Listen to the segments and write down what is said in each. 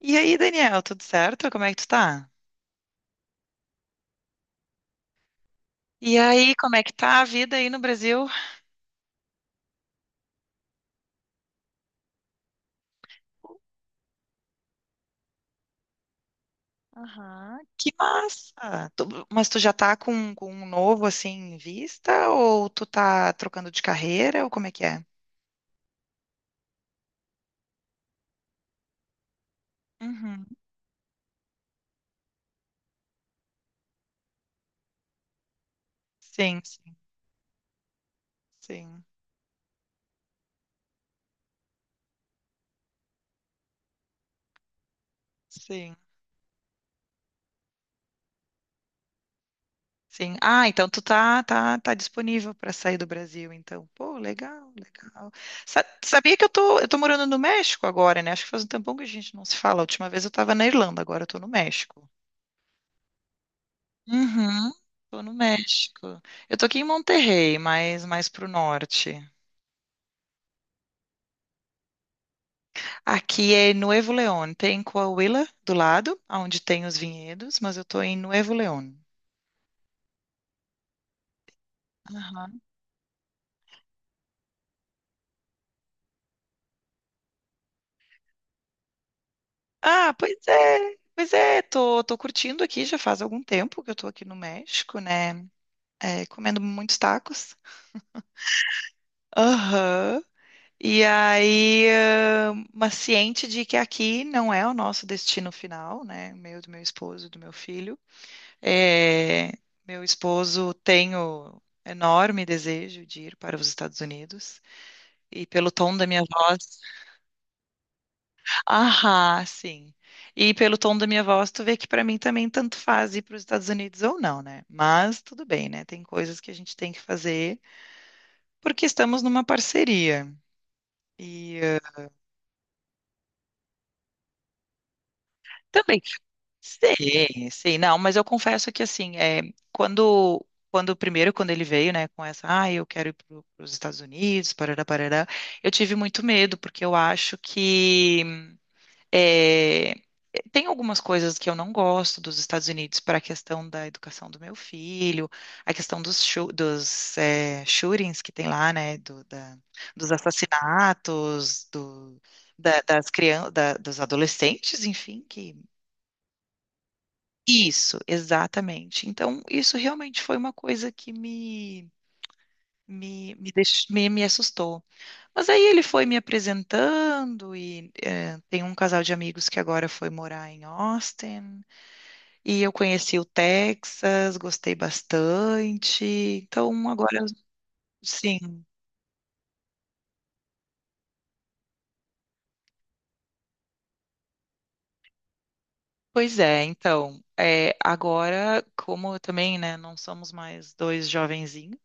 E aí, Daniel, tudo certo? Como é que tu tá? E aí, como é que tá a vida aí no Brasil? Aham, que massa! Mas tu já tá com um novo assim em vista? Ou tu tá trocando de carreira? Ou como é que é? Uhum. Sim, sim, sim, sim, sim. Ah, então tu tá, disponível para sair do Brasil, então. Pô, legal, legal. Sabia que eu tô morando no México agora, né? Acho que faz um tempão que a gente não se fala. A última vez eu tava na Irlanda, agora eu tô no México. Uhum. Tô no México. Eu tô aqui em Monterrey, mas mais pro norte. Aqui é Nuevo León. Tem Coahuila do lado, onde tem os vinhedos, mas eu tô em Nuevo León. Aham. Ah, pois é. Pois é, tô curtindo aqui, já faz algum tempo que eu tô aqui no México, né? É, comendo muitos tacos. Aham. E aí, mas ciente de que aqui não é o nosso destino final, né? Meu, do meu esposo, do meu filho. É, meu esposo tem o enorme desejo de ir para os Estados Unidos e pelo tom da minha voz, ah, sim. E pelo tom da minha voz, tu vê que para mim também tanto faz ir para os Estados Unidos ou não, né? Mas tudo bem, né? Tem coisas que a gente tem que fazer porque estamos numa parceria. E também. Sei, sei, não, mas eu confesso que assim, quando, quando ele veio, né, com essa, ah, eu quero ir para os Estados Unidos, parará, parará, eu tive muito medo, porque eu acho que é, tem algumas coisas que eu não gosto dos Estados Unidos para a questão da educação do meu filho, a questão dos shootings que tem lá, né, dos assassinatos, das crianças, dos adolescentes, enfim, que isso, exatamente. Então, isso realmente foi uma coisa que me assustou. Mas aí ele foi me apresentando, e tem um casal de amigos que agora foi morar em Austin, e eu conheci o Texas, gostei bastante. Então, agora, sim, pois é. Então, agora, como eu também, né, não somos mais dois jovenzinhos.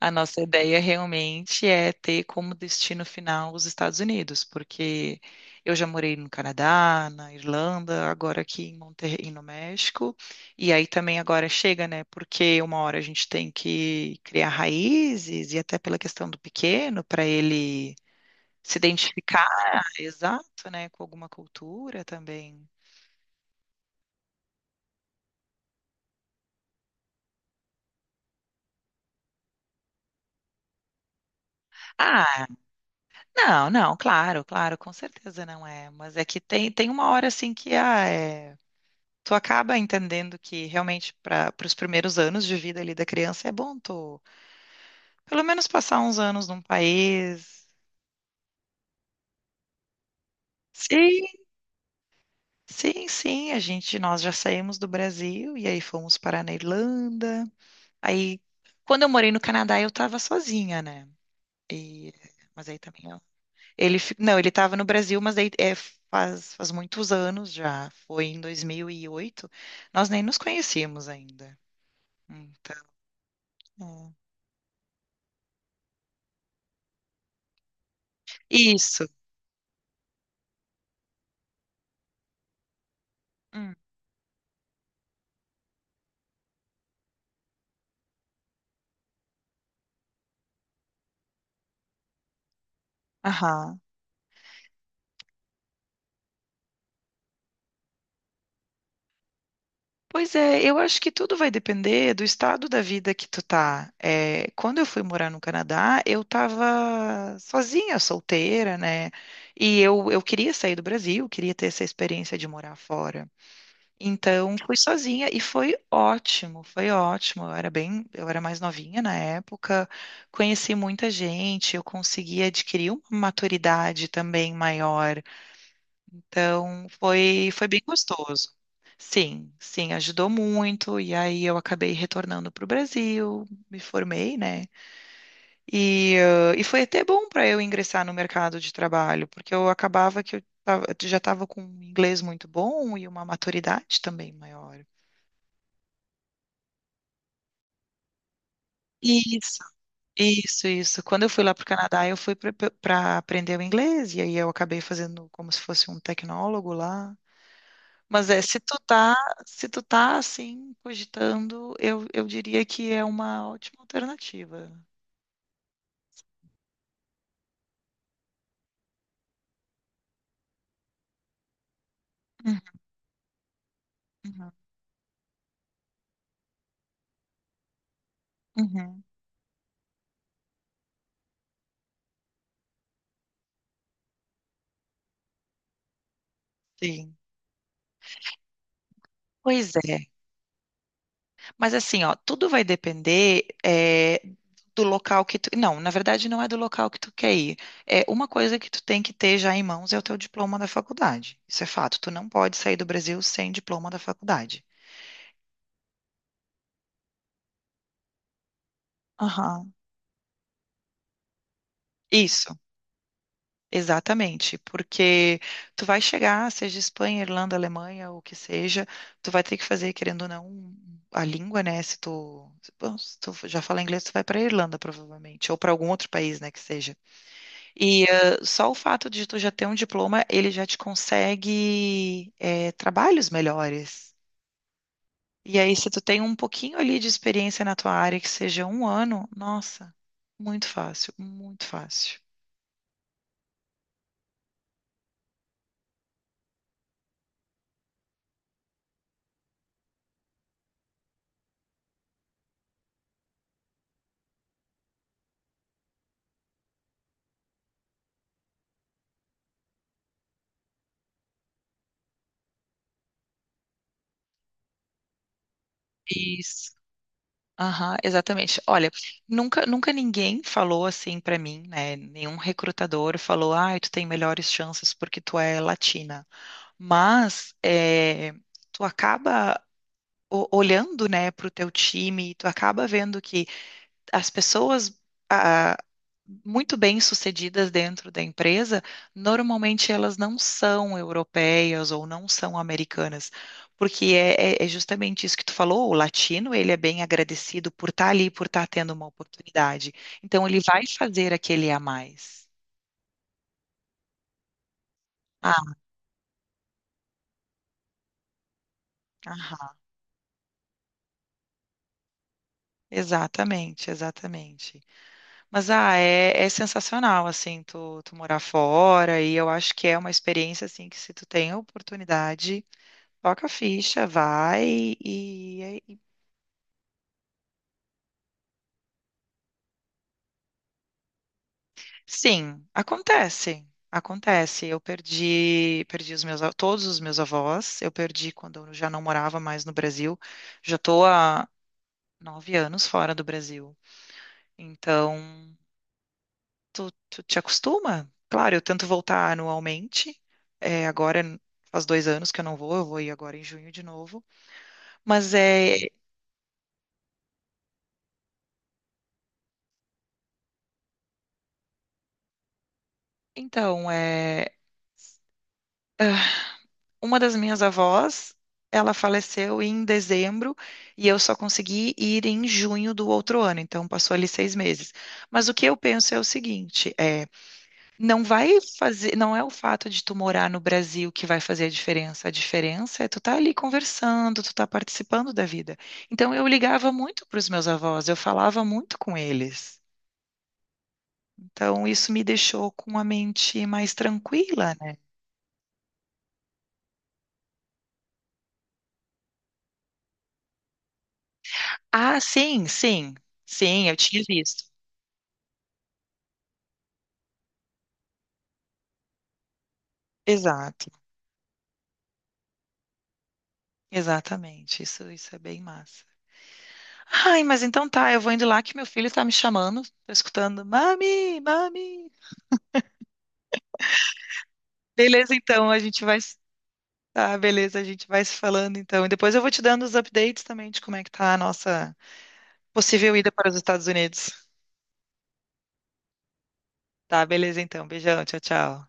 A nossa ideia realmente é ter como destino final os Estados Unidos, porque eu já morei no Canadá, na Irlanda, agora aqui em Monterrey, no México, e aí também agora chega, né? Porque uma hora a gente tem que criar raízes e até pela questão do pequeno, para ele se identificar, exato, né, com alguma cultura também. Ah, não, não, claro, claro, com certeza não é, mas é que tem uma hora assim que tu acaba entendendo que realmente para os primeiros anos de vida ali da criança é bom tu pelo menos passar uns anos num país. Sim, sim, sim, a gente nós já saímos do Brasil e aí fomos parar na Irlanda. Aí quando eu morei no Canadá eu estava sozinha, né? E mas aí também eu, não, ele estava no Brasil, mas aí faz muitos anos já, foi em 2008. Nós nem nos conhecíamos ainda. Então, é. Isso. Hum. Aham. Pois é, eu acho que tudo vai depender do estado da vida que tu tá. É, quando eu fui morar no Canadá, eu tava sozinha, solteira, né? E eu queria sair do Brasil, queria ter essa experiência de morar fora. Então, fui sozinha e foi ótimo, foi ótimo. Eu era mais novinha na época, conheci muita gente, eu consegui adquirir uma maturidade também maior então, foi bem gostoso. Sim, sim, ajudou muito. E aí eu acabei retornando para o Brasil, me formei, né? E foi até bom para eu ingressar no mercado de trabalho, porque eu acabava que já estava com um inglês muito bom e uma maturidade também maior. Isso, isso, isso. Quando eu fui lá para o Canadá, eu fui para aprender o inglês, e aí eu acabei fazendo como se fosse um tecnólogo lá. Mas se tu tá, se tu tá assim, cogitando, eu diria que é uma ótima alternativa. Uhum, uhum, uhum. Sim. Pois é. Mas assim, ó, tudo vai depender do local que tu. Não, na verdade, não é do local que tu quer ir. É uma coisa que tu tem que ter já em mãos é o teu diploma da faculdade. Isso é fato. Tu não pode sair do Brasil sem diploma da faculdade. Aham. Isso. Exatamente, porque tu vai chegar, seja Espanha, Irlanda, Alemanha, o que seja, tu vai ter que fazer, querendo ou não, a língua, né? Se tu, bom, se tu já fala inglês, tu vai para Irlanda, provavelmente, ou para algum outro país, né, que seja. E só o fato de tu já ter um diploma, ele já te consegue trabalhos melhores. E aí, se tu tem um pouquinho ali de experiência na tua área, que seja um ano, nossa, muito fácil, muito fácil. Isso. Aham, exatamente. Olha, nunca, nunca ninguém falou assim pra mim, né? Nenhum recrutador falou, ah, tu tem melhores chances porque tu é latina. Mas tu acaba olhando, né, pro teu time, tu acaba vendo que as pessoas muito bem-sucedidas dentro da empresa, normalmente elas não são europeias ou não são americanas, porque é justamente isso que tu falou, o latino, ele é bem agradecido por estar ali, por estar tendo uma oportunidade. Então, ele vai fazer aquele a mais. Ah, aham, exatamente, exatamente. Mas, é sensacional, assim, tu morar fora, e eu acho que é uma experiência, assim, que se tu tem a oportunidade... Toca a ficha, vai e, sim, acontece. Acontece. Eu perdi todos os meus avós. Eu perdi quando eu já não morava mais no Brasil. Já estou há 9 anos fora do Brasil. Então, tu te acostuma? Claro, eu tento voltar anualmente. É, agora faz 2 anos que eu não vou. Eu vou ir agora em junho de novo. Mas é, então, é. Uma das minhas avós, ela faleceu em dezembro e eu só consegui ir em junho do outro ano, então passou ali 6 meses. Mas o que eu penso é o seguinte, não vai fazer, não é o fato de tu morar no Brasil que vai fazer a diferença. A diferença é tu tá ali conversando, tu tá participando da vida. Então eu ligava muito para os meus avós, eu falava muito com eles. Então isso me deixou com a mente mais tranquila, né? Ah, sim, sim, sim, eu tinha visto. Exato. Exatamente, isso é bem massa. Ai, mas então tá, eu vou indo lá que meu filho tá me chamando, tô escutando, mami, mami. Beleza, então, a gente vai, se- tá, beleza, a gente vai se falando então. E depois eu vou te dando os updates também de como é que tá a nossa possível ida para os Estados Unidos. Tá, beleza então, beijão, tchau, tchau.